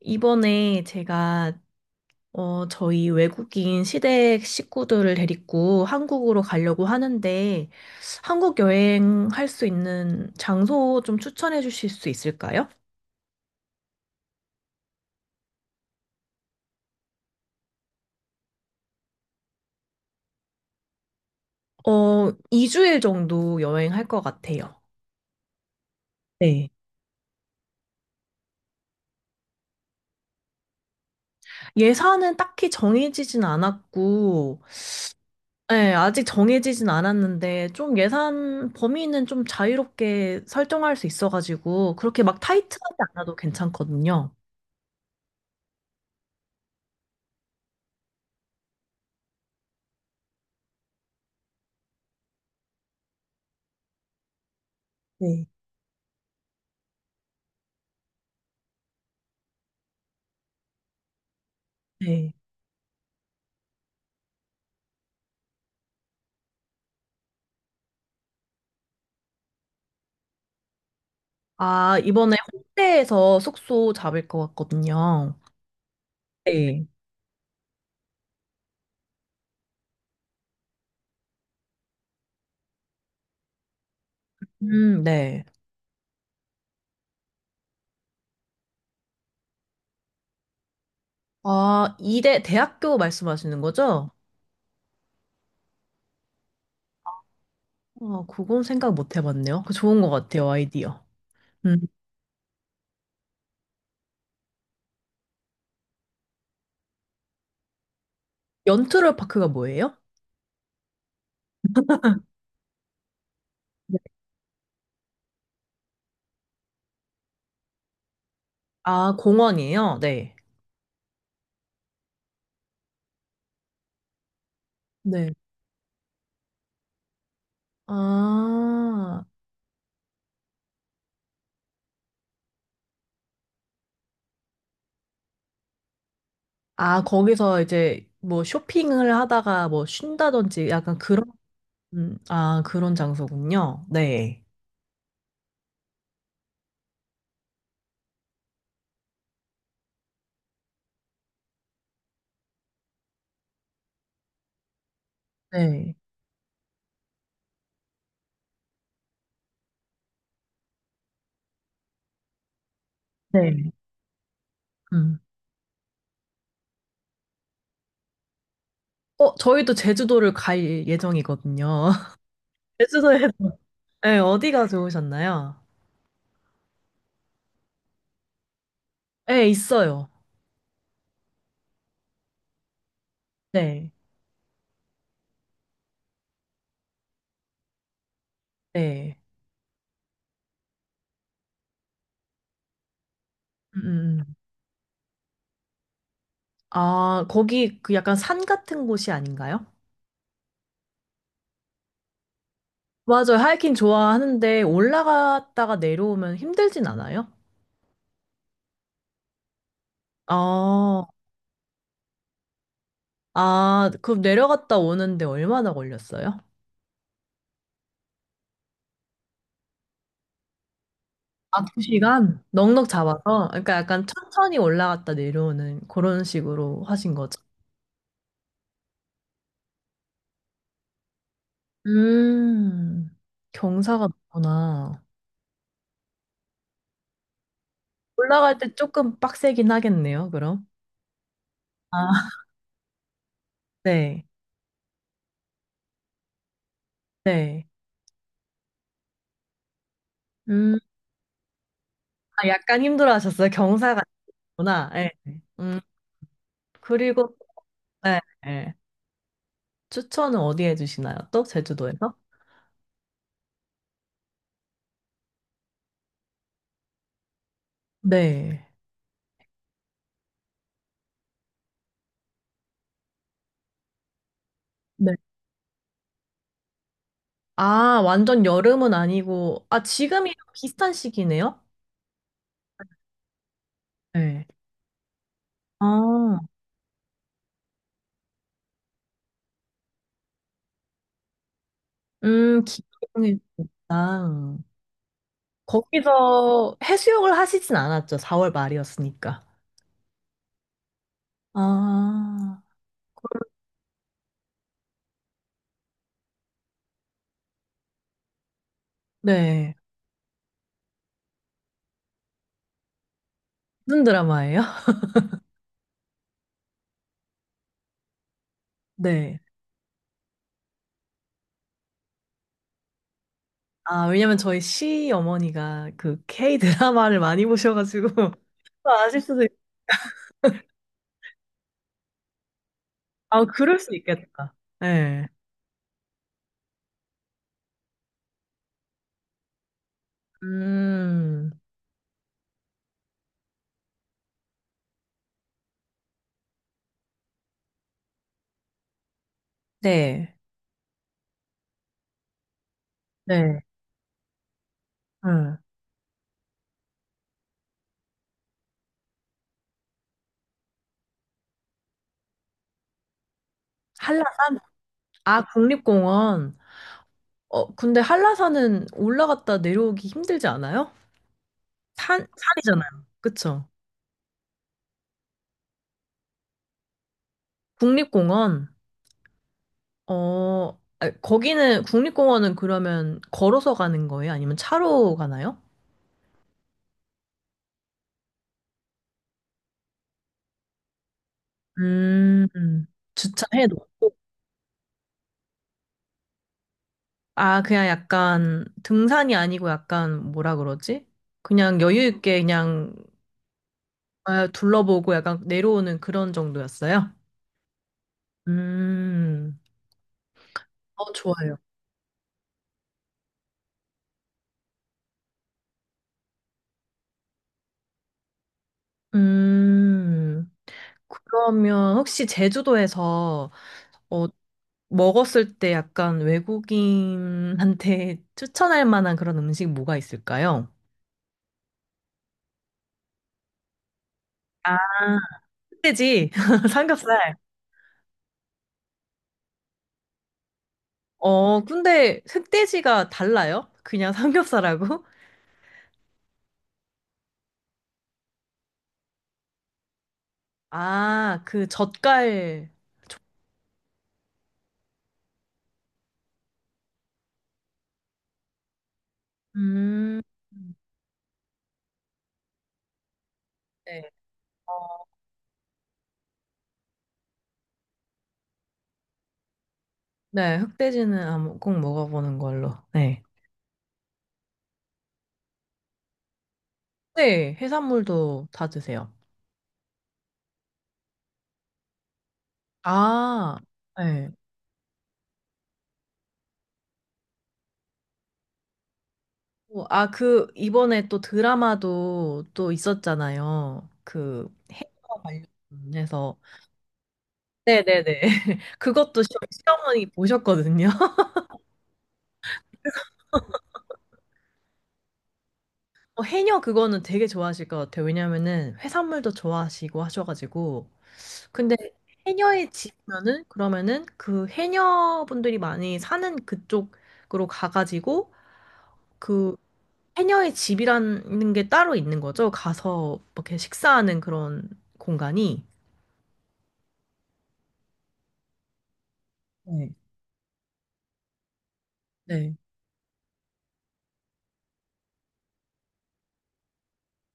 이번에 제가 저희 외국인 시댁 식구들을 데리고 한국으로 가려고 하는데 한국 여행할 수 있는 장소 좀 추천해 주실 수 있을까요? 어, 2주일 정도 여행할 것 같아요. 네. 예산은 딱히 정해지진 않았고, 네, 아직 정해지진 않았는데, 좀 예산 범위는 좀 자유롭게 설정할 수 있어가지고, 그렇게 막 타이트하지 않아도 괜찮거든요. 네. 네. 아, 이번에 홍대에서 숙소 잡을 것 같거든요. 네. 네. 아, 이대 대학교 말씀하시는 거죠? 아, 그건 생각 못 해봤네요. 그거 좋은 것 같아요, 아이디어. 음. 연트럴 파크가 뭐예요? 네. 아, 공원이에요? 네. 네. 아, 아, 거기서 이제 뭐 쇼핑을 하다가 뭐 쉰다든지 약간 그런, 아, 그런 장소군요. 네. 네. 네. 음. 어, 저희도 제주도를 갈 예정이거든요. 제주도에도. 네, 어디가 좋으셨나요? 네, 있어요. 네, 네. 음, 음, 음. 아, 거기 그 약간 산 같은 곳이 아닌가요? 맞아요. 하이킹 좋아하는데 올라갔다가 내려오면 힘들진 않아요? 아, 아, 그럼 내려갔다 오는데 얼마나 걸렸어요? 아, 두 시간? 넉넉 잡아서? 그러니까 약간 천천히 올라갔다 내려오는 그런 식으로 하신 거죠? 음, 경사가 높구나. 올라갈 때 조금 빡세긴 하겠네요, 그럼. 아, 네, 네. 음, 아, 약간 힘들어 하셨어요. 경사가 있구나. 네. 음, 그리고, 네, 네. 추천은 어디에 주시나요? 또? 제주도에서? 네. 네. 아, 완전 여름은 아니고, 아, 지금이 비슷한 시기네요? 네. 아, 기동이 좋다. 거기서 해수욕을 하시진 않았죠. 4월 말이었으니까. 아, 그럼- 네. 무슨 드라마예요? 네. 아, 왜냐면 저희 시 어머니가 그 K 드라마를 많이 보셔가지고 또 아실 수도 있... 아, 그럴 수 있겠다. 네. 음, 네. 네. 응. 한라산? 아, 국립공원. 어, 근데 한라산은 올라갔다 내려오기 힘들지 않아요? 산이잖아요. 그쵸? 국립공원. 어, 아, 거기는 국립공원은 그러면 걸어서 가는 거예요? 아니면 차로 가나요? 음, 음. 주차해 놓고. 아, 그냥 약간 등산이 아니고 약간 뭐라 그러지? 그냥 여유 있게 그냥 아, 둘러보고 약간 내려오는 그런 정도였어요? 음, 어, 좋아요. 음, 그러면 혹시 제주도에서 어, 먹었을 때 약간 외국인한테 추천할 만한 그런 음식 뭐가 있을까요? 아, 흑돼지, 삼겹살. 어, 근데 흑돼지가 달라요? 그냥 삼겹살하고? 아, 그 젓갈. 음, 네. 어, 네, 꼭 먹어보는 걸로. 네. 네, 해산물도 다 드세요. 아, 네. 어, 아, 그, 이번에 또 드라마도 또 있었잖아요. 그, 해과 관련해서. 네네네. 시어머니 보셨거든요. 어, 해녀 그거는 되게 좋아하실 것 같아요. 왜냐면은 해산물도 좋아하시고 하셔가지고. 근데 해녀에 지면은, 그러면은 그 해녀분들이 많이 사는 그쪽으로 가가지고, 그 해녀의 집이라는 게 따로 있는 거죠. 가서 이렇게 식사하는 그런 공간이. 네. 네.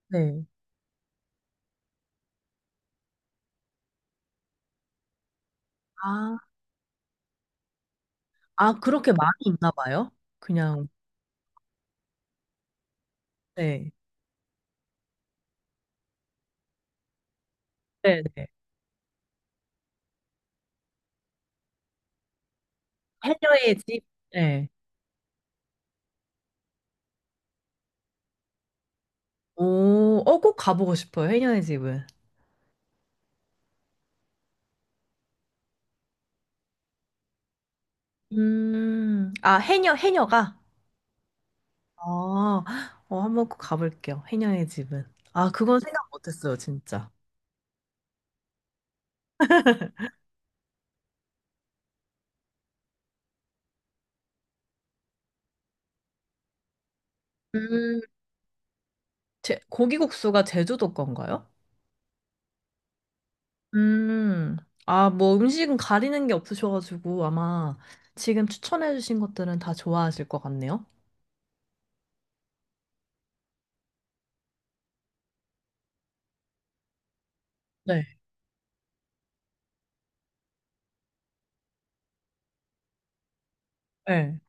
네. 아, 아, 그렇게 많이 있나 봐요? 그냥, 네. 네, 네. 해녀의 집? 네. 오, 어, 꼭 가보고 싶어요, 해녀의 집은. 아, 해녀, 해녀가? 아, 어, 한번 꼭 가볼게요, 해녀의 집은. 아, 그건 생각 못했어요, 진짜. 음, 제, 고기국수가 제주도 건가요? 음, 아, 뭐 음식은 가리는 게 없으셔가지고 아마 지금 추천해주신 것들은 다 좋아하실 것 같네요. 네. 네.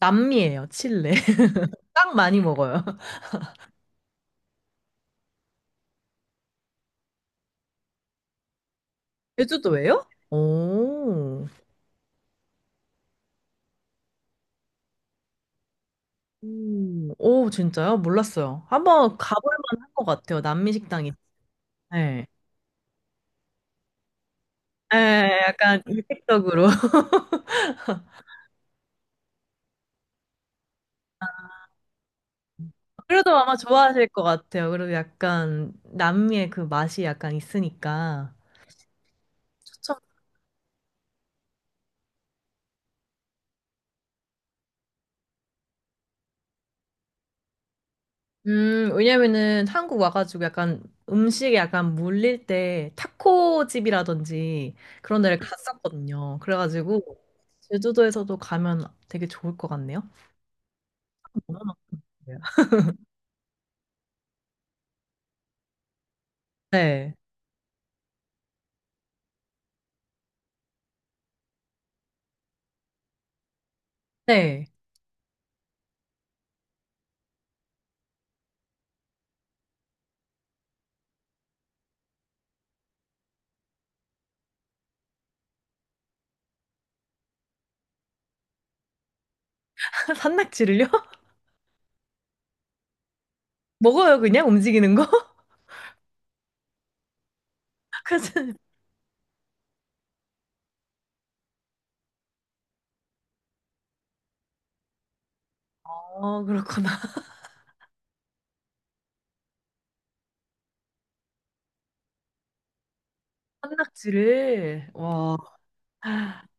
남미예요, 칠레. 딱 많이 먹어요. 제주도예요? 오, 진짜요? 몰랐어요. 한번 가볼 만한 것 같아요, 남미 식당이. 네. 네, 약간 이색적으로. 그래도 아마 좋아하실 것 같아요. 그리고 약간 남미의 그 맛이 약간 있으니까. 추천 왜냐면은 한국 와가지고 약간 음식에 약간 물릴 때 타코집이라든지 그런 데를 갔었거든요. 그래가지고 제주도에서도 가면 되게 좋을 것 같네요. 너무 맛있요. 네. 네. 산낙지를요? 먹어요, 그냥 움직이는 거? 그래서, 어, 그렇구나. 산낙지를, 와. 어,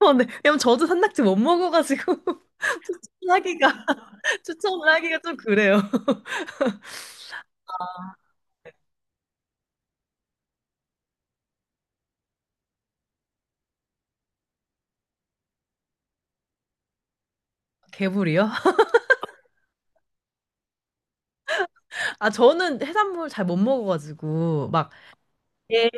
어, 네. 왜냐면 저도 산낙지 못 먹어가지고 추천하기가, 추천을 하기가 좀 그래요. 개불이요? 아, 저는 해산물 잘 못 먹어가지고, 막, 예,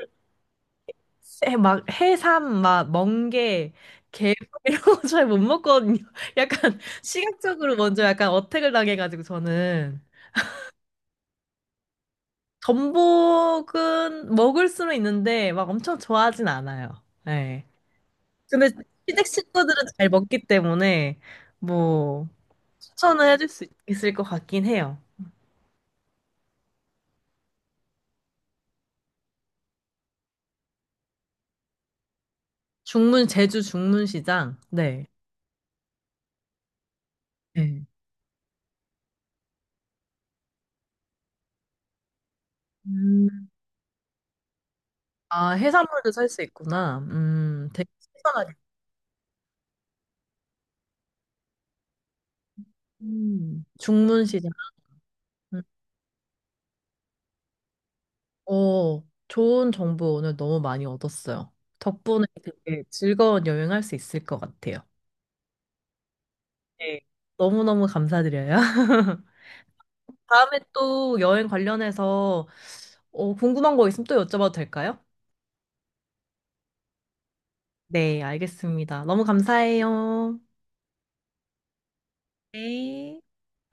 해- 막, 해삼, 막, 멍게, 게, 이런 거 잘 못 먹거든요. 약간, 시각적으로 먼저 약간 어택을 당해가지고, 저는. 전복은 먹을 수는 있는데, 막 엄청 좋아하진 않아요. 예. 근데 시댁 식구들은 잘 먹기 때문에, 뭐, 추천을 해줄 수 있- 있을 것 같긴 해요. 중문, 제주 중문시장. 네. 네. 아, 해산물도 살 수 있구나. 되게 신선하게. 중문시장. 음, 어, 좋은 정보 오늘 너무 많이 얻었어요. 덕분에 되게 즐거운 여행할 수 있을 것 같아요. 네. 너무너무 감사드려요. 다음에 또 여행 관련해서 어, 궁금한 거 있으면 또 여쭤봐도 될까요? 네, 알겠습니다. 너무 감사해요. 네.